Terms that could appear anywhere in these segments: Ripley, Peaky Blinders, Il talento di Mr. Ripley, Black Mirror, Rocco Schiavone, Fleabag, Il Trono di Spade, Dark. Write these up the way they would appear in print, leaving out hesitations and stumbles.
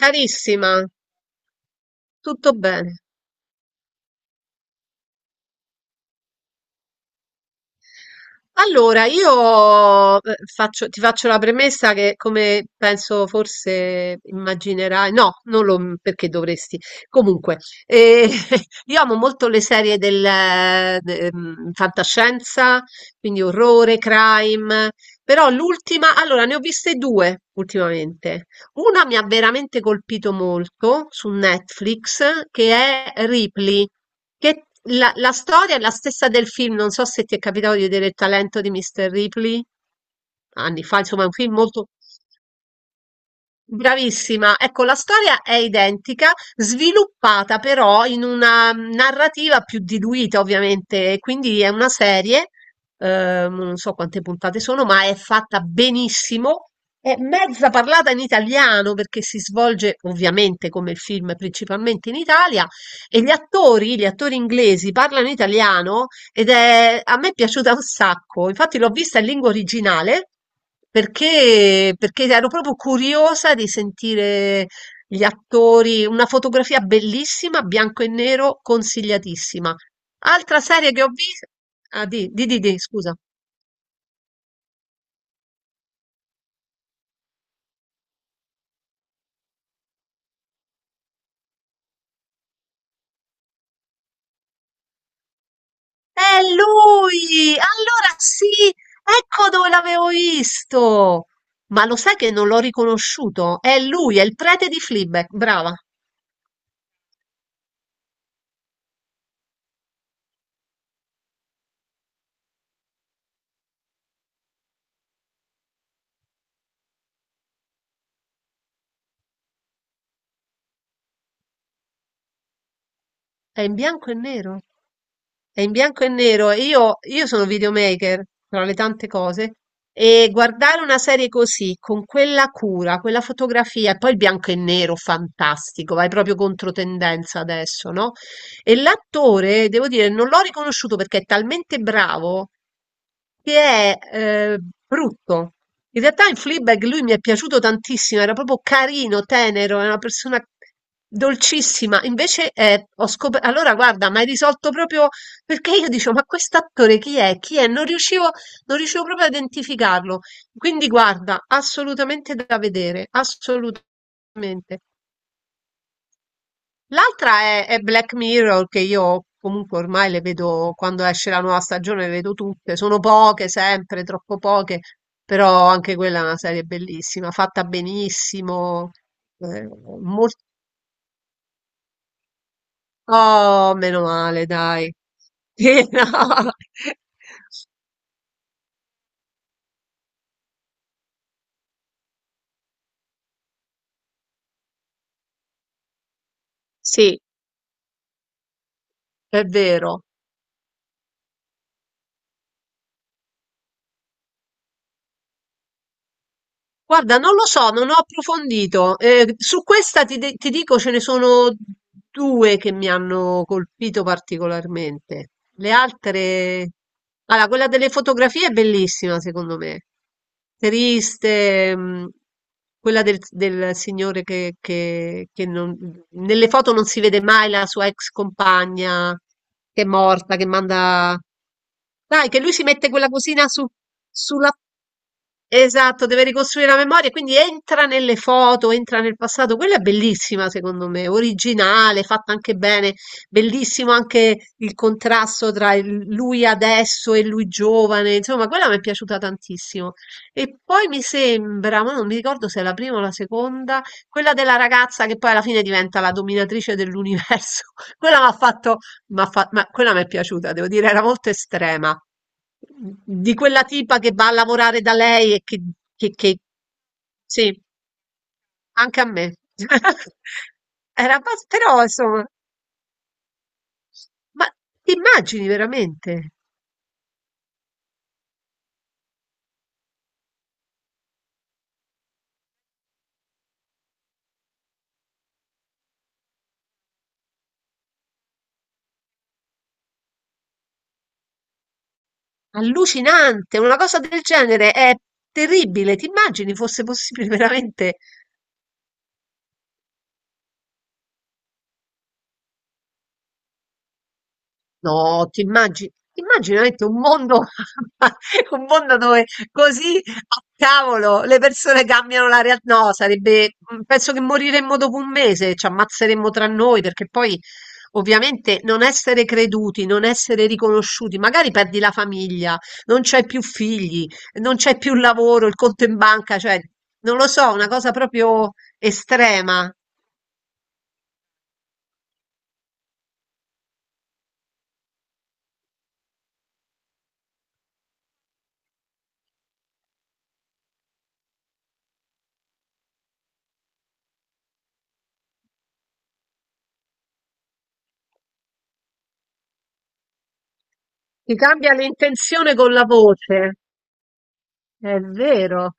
Carissima, tutto bene. Allora, io ti faccio la premessa che, come penso forse immaginerai, no, non lo perché dovresti. Comunque, eh, io amo molto le serie fantascienza, quindi orrore, crime, però l'ultima, allora ne ho viste due ultimamente. Una mi ha veramente colpito molto su Netflix, che è Ripley. Che la storia è la stessa del film, non so se ti è capitato di vedere Il talento di Mr. Ripley, anni fa, insomma è un film molto. Bravissima. Ecco, la storia è identica, sviluppata però in una narrativa più diluita, ovviamente. Quindi è una serie, non so quante puntate sono, ma è fatta benissimo. È mezza parlata in italiano perché si svolge ovviamente come il film principalmente in Italia e gli attori inglesi parlano italiano a me è piaciuta un sacco, infatti l'ho vista in lingua originale perché ero proprio curiosa di sentire gli attori, una fotografia bellissima, bianco e nero, consigliatissima. Altra serie che ho visto, scusa. È lui! Allora sì, ecco dove l'avevo visto! Ma lo sai che non l'ho riconosciuto? È lui, è il prete di Fleabag, brava. È in bianco e nero. È in bianco e nero. Io sono videomaker, tra le tante cose, e guardare una serie così, con quella cura, quella fotografia, e poi il bianco e nero, fantastico, vai proprio contro tendenza adesso, no? E l'attore, devo dire, non l'ho riconosciuto perché è talmente bravo che è brutto. In realtà in Fleabag lui mi è piaciuto tantissimo, era proprio carino, tenero, è una persona dolcissima. Invece ho scoperto. Allora, guarda, mi hai risolto proprio perché io dicevo, ma quest'attore chi è? Chi è? Non riuscivo proprio a identificarlo. Quindi guarda, assolutamente da vedere, assolutamente. L'altra è Black Mirror, che io comunque ormai le vedo quando esce la nuova stagione, le vedo tutte. Sono poche, sempre, troppo poche, però anche quella è una serie bellissima, fatta benissimo. eh, mol- Oh, meno male, dai. Sì, no. Sì, è vero. Guarda, non lo so, non ho approfondito. Su questa ti dico ce ne sono due che mi hanno colpito particolarmente. Le altre. Allora, quella delle fotografie è bellissima, secondo me. Triste, quella del signore che non- nelle foto non si vede mai la sua ex compagna che è morta, che manda. Dai, che lui si mette quella cosina su, sulla. Esatto, deve ricostruire la memoria, quindi entra nelle foto, entra nel passato. Quella è bellissima, secondo me, originale, fatta anche bene. Bellissimo anche il contrasto tra lui adesso e lui giovane. Insomma, quella mi è piaciuta tantissimo. E poi mi sembra, ma non mi ricordo se è la prima o la seconda, quella della ragazza che poi alla fine diventa la dominatrice dell'universo. Quella mi ha fatto. Ma quella mi è piaciuta, devo dire, era molto estrema. Di quella tipa che va a lavorare da lei e che sì, anche a me. Era abbas però insomma, ma ti immagini veramente? Allucinante, una cosa del genere è terribile. Ti immagini fosse possibile veramente? No, ti immagini veramente un mondo un mondo dove così a cavolo le persone cambiano la real. No, sarebbe penso che moriremmo dopo un mese, ci ammazzeremmo tra noi perché poi ovviamente non essere creduti, non essere riconosciuti, magari perdi la famiglia, non c'hai più figli, non c'è più lavoro, il conto in banca, cioè non lo so, una cosa proprio estrema. Ti cambia l'intenzione con la voce. È vero.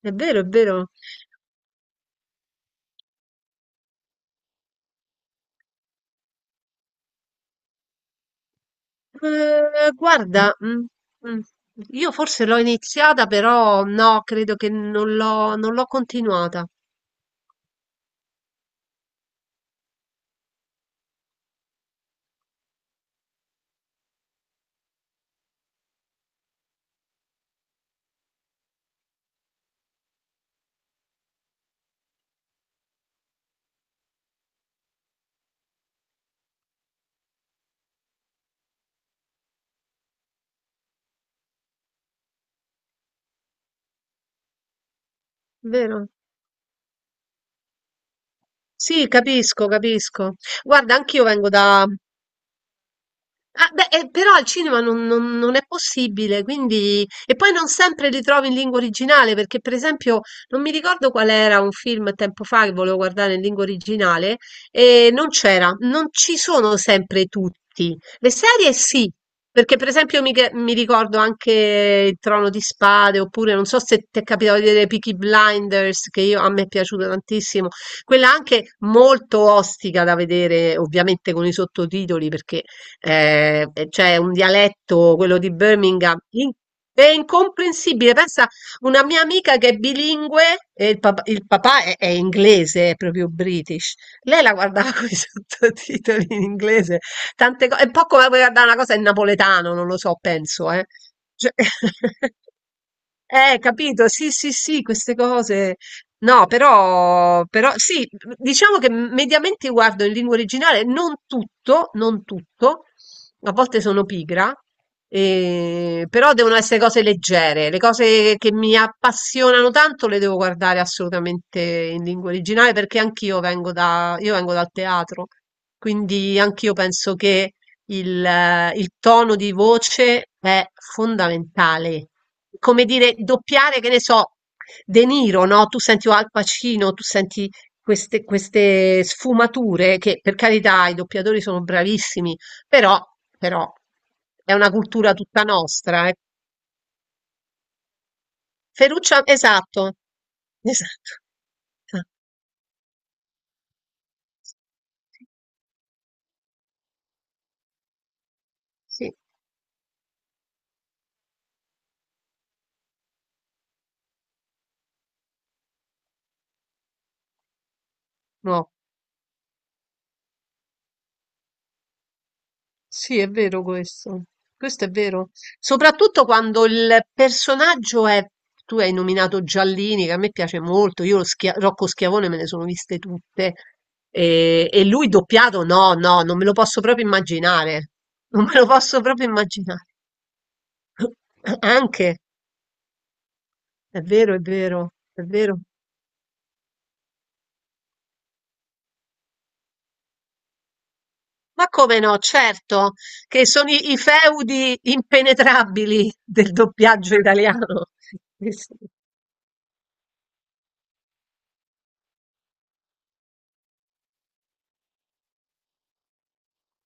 È vero, è vero. Guarda, mm, io forse l'ho iniziata, però no, credo che non l'ho continuata. Vero? Sì, capisco, capisco. Guarda, anch'io vengo da. Ah, beh, però al cinema non è possibile, quindi. E poi non sempre li trovi in lingua originale, perché per esempio non mi ricordo qual era un film tempo fa che volevo guardare in lingua originale e non c'era, non ci sono sempre tutti. Le serie sì, perché per esempio mi ricordo anche Il Trono di Spade, oppure non so se ti è capitato di vedere Peaky Blinders, a me è piaciuto tantissimo, quella anche molto ostica da vedere, ovviamente con i sottotitoli, perché e c'è un dialetto, quello di Birmingham, è incomprensibile. Pensa, una mia amica che è bilingue, e il papà è inglese, è proprio British, lei la guardava con i sottotitoli in inglese, tante cose, è un po' come guardare una cosa in napoletano, non lo so, penso, eh. Cioè, eh, capito? Sì, sì, sì, queste cose. No, però sì, diciamo che mediamente guardo in lingua originale, non tutto, non tutto, a volte sono pigra, però devono essere cose leggere, le cose che mi appassionano tanto le devo guardare assolutamente in lingua originale perché io vengo dal teatro, quindi anch'io penso che il tono di voce è fondamentale come dire, doppiare, che ne so, De Niro, no? Tu senti Al Pacino, tu senti queste sfumature che per carità i doppiatori sono bravissimi, però, però è una cultura tutta nostra. Ferruccio, esatto, esatto. Ah, sì, sì, no. Sì, è vero questo. Questo è vero. Soprattutto quando il personaggio è. Tu hai nominato Giallini, che a me piace molto. Rocco Schiavone me ne sono viste tutte. E lui doppiato, no, no, non me lo posso proprio immaginare. Non me lo posso proprio immaginare. Anche, è vero, è vero, è vero. Ma come no, certo, che sono i feudi impenetrabili del doppiaggio italiano. Sì, sì,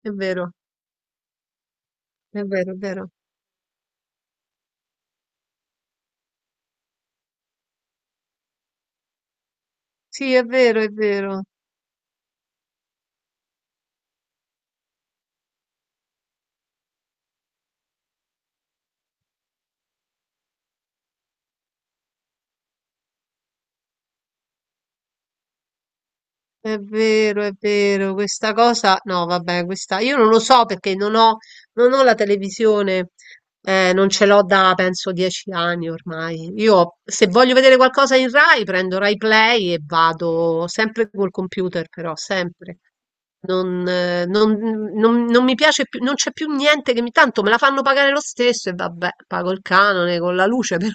è vero, è vero, è vero. Sì, è vero, è vero, è vero, è vero. Questa cosa, no, vabbè, questa io non lo so perché non ho la televisione, non ce l'ho da penso 10 anni ormai. Io se voglio vedere qualcosa in Rai, prendo Rai Play e vado sempre col computer, però sempre. Non, eh, non- Non mi piace più, non c'è più niente che mi. Tanto me la fanno pagare lo stesso e vabbè, pago il canone con la luce, però,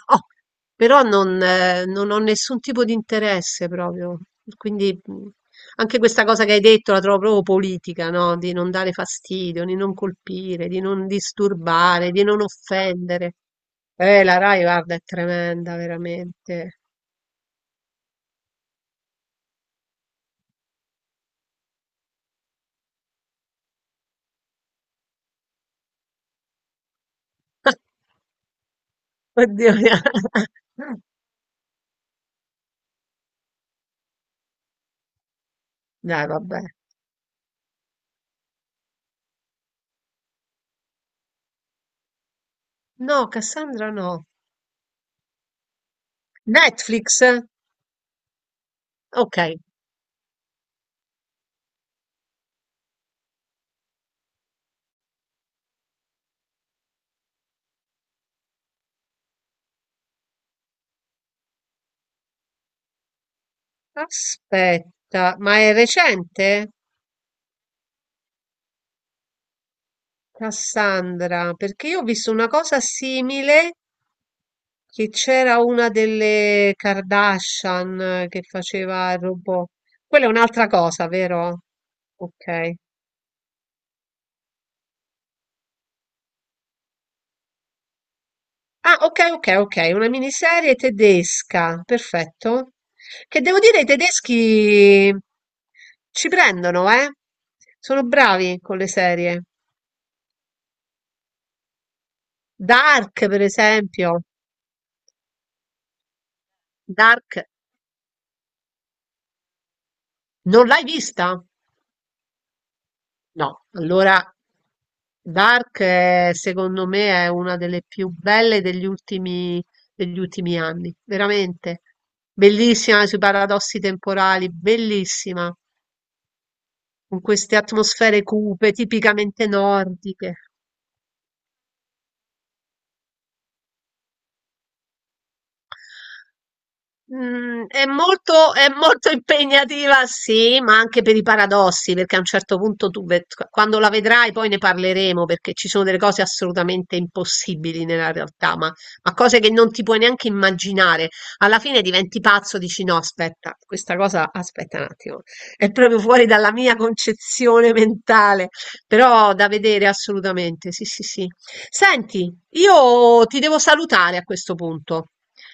però non ho nessun tipo di interesse proprio. Quindi anche questa cosa che hai detto la trovo proprio politica, no? Di non dare fastidio, di non colpire, di non disturbare, di non offendere. La Rai, guarda, è tremenda, veramente. Oddio. Dai, vabbè. No, Cassandra no. Netflix? Ok, aspetta, ma è recente? Cassandra, perché io ho visto una cosa simile che c'era una delle Kardashian che faceva il robot. Quella è un'altra cosa, vero? Ok. Ah, ok, ok, ok, una miniserie tedesca, perfetto. Che devo dire, i tedeschi ci prendono, eh? Sono bravi con le serie. Dark, per esempio. Dark, non l'hai vista? No, allora Dark è, secondo me è una delle più belle degli ultimi anni, veramente. Bellissima sui paradossi temporali, bellissima, con queste atmosfere cupe, tipicamente nordiche. Mhmm, è molto impegnativa, sì, ma anche per i paradossi, perché a un certo punto tu ve q quando la vedrai poi ne parleremo, perché ci sono delle cose assolutamente impossibili nella realtà, ma cose che non ti puoi neanche immaginare. Alla fine diventi pazzo, dici: "No, aspetta, questa cosa aspetta un attimo, è proprio fuori dalla mia concezione mentale", però da vedere assolutamente, sì, sì, sì. Senti, io ti devo salutare a questo punto.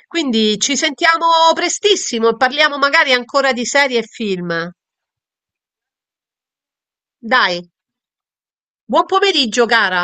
Quindi ci sentiamo prestissimo e parliamo magari ancora di serie e film. Dai, buon pomeriggio cara!